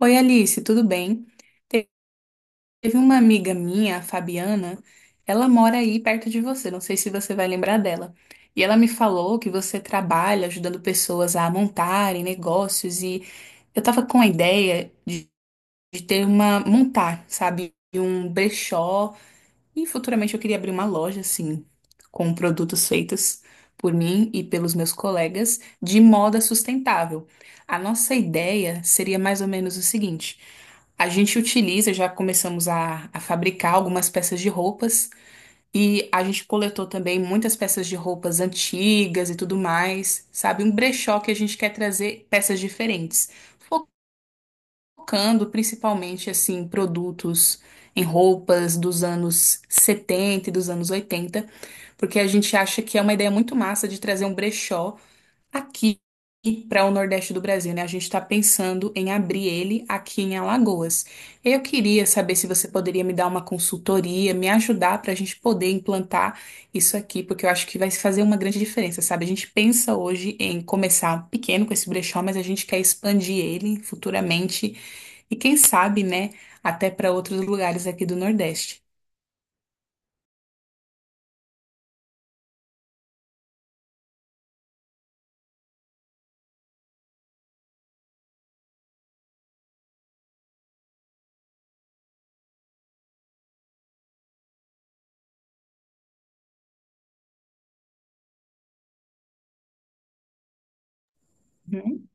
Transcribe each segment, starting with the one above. Oi, Alice, tudo bem? Te- Teve uma amiga minha, a Fabiana, ela mora aí perto de você, não sei se você vai lembrar dela. E ela me falou que você trabalha ajudando pessoas a montarem negócios e eu tava com a ideia de ter uma, montar, sabe, um brechó e futuramente eu queria abrir uma loja, assim, com produtos feitos por mim e pelos meus colegas de moda sustentável. A nossa ideia seria mais ou menos o seguinte: a gente utiliza, já começamos a fabricar algumas peças de roupas e a gente coletou também muitas peças de roupas antigas e tudo mais, sabe? Um brechó que a gente quer trazer peças diferentes, focando principalmente assim em produtos, em roupas dos anos 70 e dos anos 80, porque a gente acha que é uma ideia muito massa de trazer um brechó aqui para o Nordeste do Brasil, né? A gente está pensando em abrir ele aqui em Alagoas. Eu queria saber se você poderia me dar uma consultoria, me ajudar para a gente poder implantar isso aqui, porque eu acho que vai fazer uma grande diferença, sabe? A gente pensa hoje em começar pequeno com esse brechó, mas a gente quer expandir ele futuramente e quem sabe, né, até para outros lugares aqui do Nordeste. Uhum.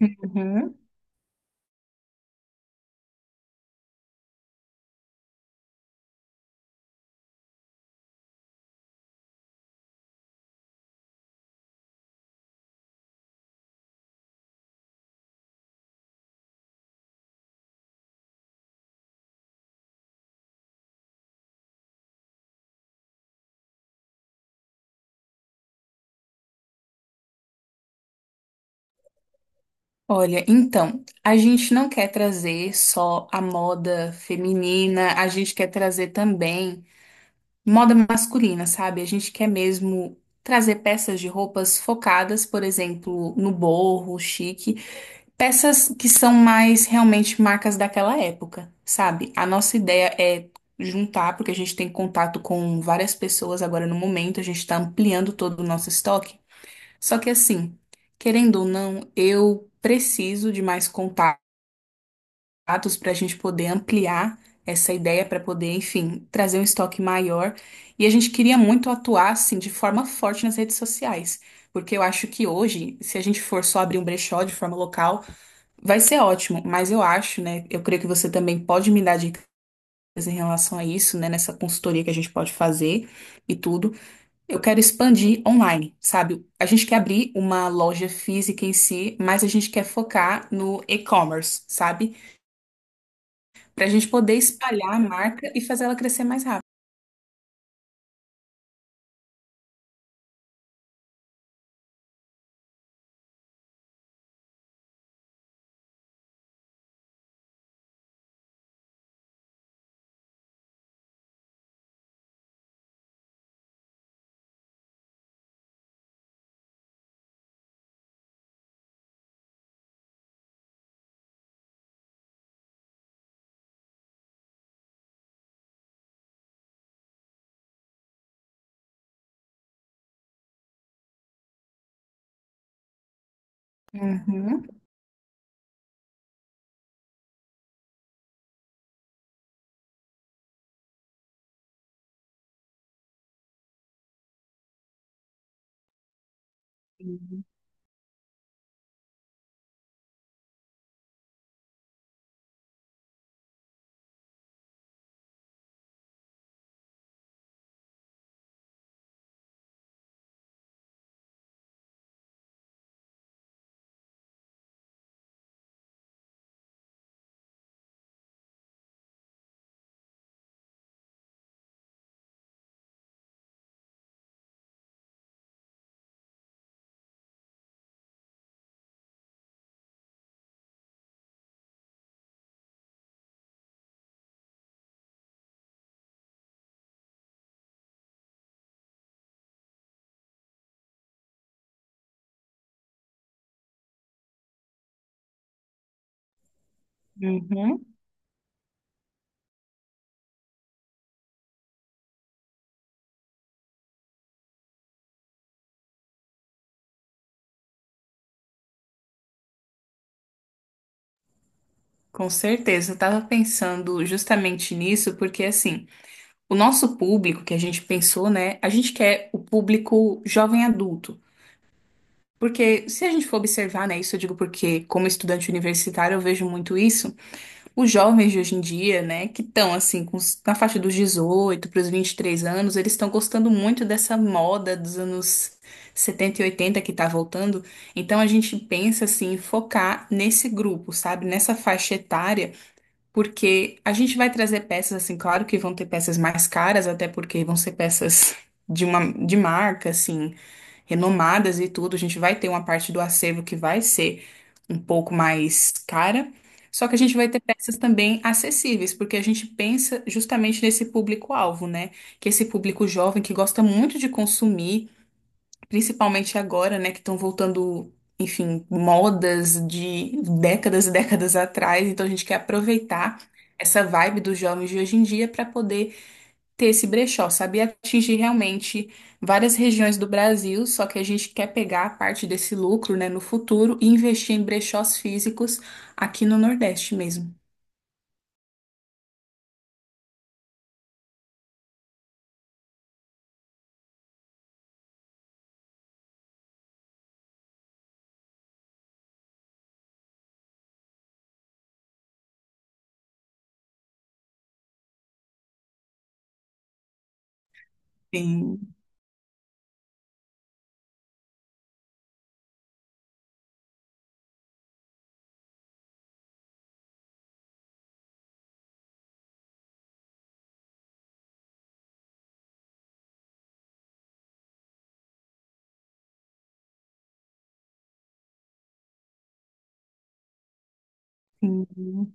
Uhum. Olha, então, a gente não quer trazer só a moda feminina, a gente quer trazer também moda masculina, sabe? A gente quer mesmo trazer peças de roupas focadas, por exemplo, no boho, chique, peças que são mais realmente marcas daquela época, sabe? A nossa ideia é juntar, porque a gente tem contato com várias pessoas agora no momento, a gente está ampliando todo o nosso estoque. Só que assim, querendo ou não, eu preciso de mais contatos para a gente poder ampliar essa ideia, para poder, enfim, trazer um estoque maior. E a gente queria muito atuar, assim, de forma forte nas redes sociais, porque eu acho que hoje, se a gente for só abrir um brechó de forma local, vai ser ótimo, mas eu acho, né? Eu creio que você também pode me dar dicas em relação a isso, né? Nessa consultoria que a gente pode fazer e tudo. Eu quero expandir online, sabe? A gente quer abrir uma loja física em si, mas a gente quer focar no e-commerce, sabe? Para a gente poder espalhar a marca e fazer ela crescer mais rápido. Uhum. Uhum. Com certeza, eu tava pensando justamente nisso, porque assim. O nosso público que a gente pensou, né? A gente quer o público jovem adulto. Porque se a gente for observar, né, isso eu digo porque, como estudante universitário, eu vejo muito isso. Os jovens de hoje em dia, né, que estão assim, com na faixa dos 18 para os 23 anos, eles estão gostando muito dessa moda dos anos 70 e 80 que tá voltando. Então a gente pensa assim, em focar nesse grupo, sabe? Nessa faixa etária, porque a gente vai trazer peças assim, claro que vão ter peças mais caras, até porque vão ser peças de marca assim, renomadas e tudo. A gente vai ter uma parte do acervo que vai ser um pouco mais cara. Só que a gente vai ter peças também acessíveis, porque a gente pensa justamente nesse público-alvo, né? Que é esse público jovem que gosta muito de consumir, principalmente agora, né, que estão voltando, enfim, modas de décadas e décadas atrás. Então a gente quer aproveitar essa vibe dos jovens de hoje em dia para poder ter esse brechó, sabe? E atingir realmente várias regiões do Brasil. Só que a gente quer pegar a parte desse lucro, né, no futuro e investir em brechós físicos aqui no Nordeste mesmo. Sim, sim,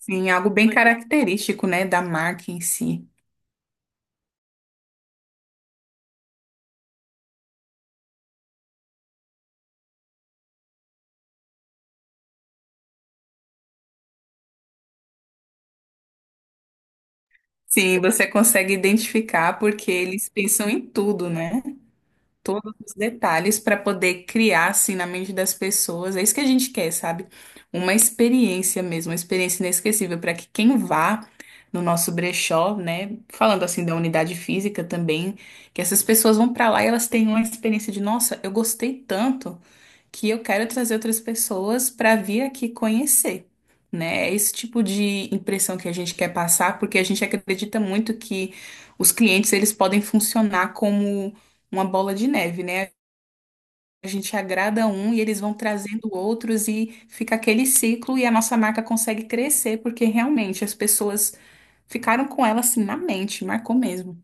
sim, algo bem característico, né, da marca em si. Sim, você consegue identificar porque eles pensam em tudo, né? Todos os detalhes para poder criar assim na mente das pessoas. É isso que a gente quer, sabe? Uma experiência mesmo, uma experiência inesquecível para que quem vá no nosso brechó, né? Falando assim da unidade física também, que essas pessoas vão para lá e elas tenham uma experiência de, nossa, eu gostei tanto que eu quero trazer outras pessoas para vir aqui conhecer, né? É esse tipo de impressão que a gente quer passar, porque a gente acredita muito que os clientes eles podem funcionar como uma bola de neve, né? A gente agrada um e eles vão trazendo outros e fica aquele ciclo e a nossa marca consegue crescer, porque realmente as pessoas ficaram com ela assim na mente, marcou mesmo.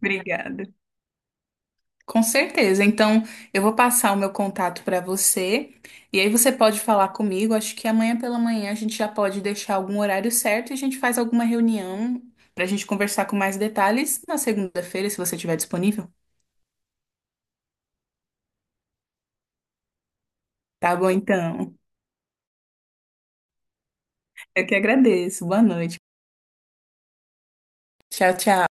Obrigada. Com certeza. Então, eu vou passar o meu contato para você e aí você pode falar comigo. Acho que amanhã pela manhã a gente já pode deixar algum horário certo e a gente faz alguma reunião para a gente conversar com mais detalhes na segunda-feira, se você estiver disponível. Tá bom, então. Eu que agradeço. Boa noite. Tchau, tchau.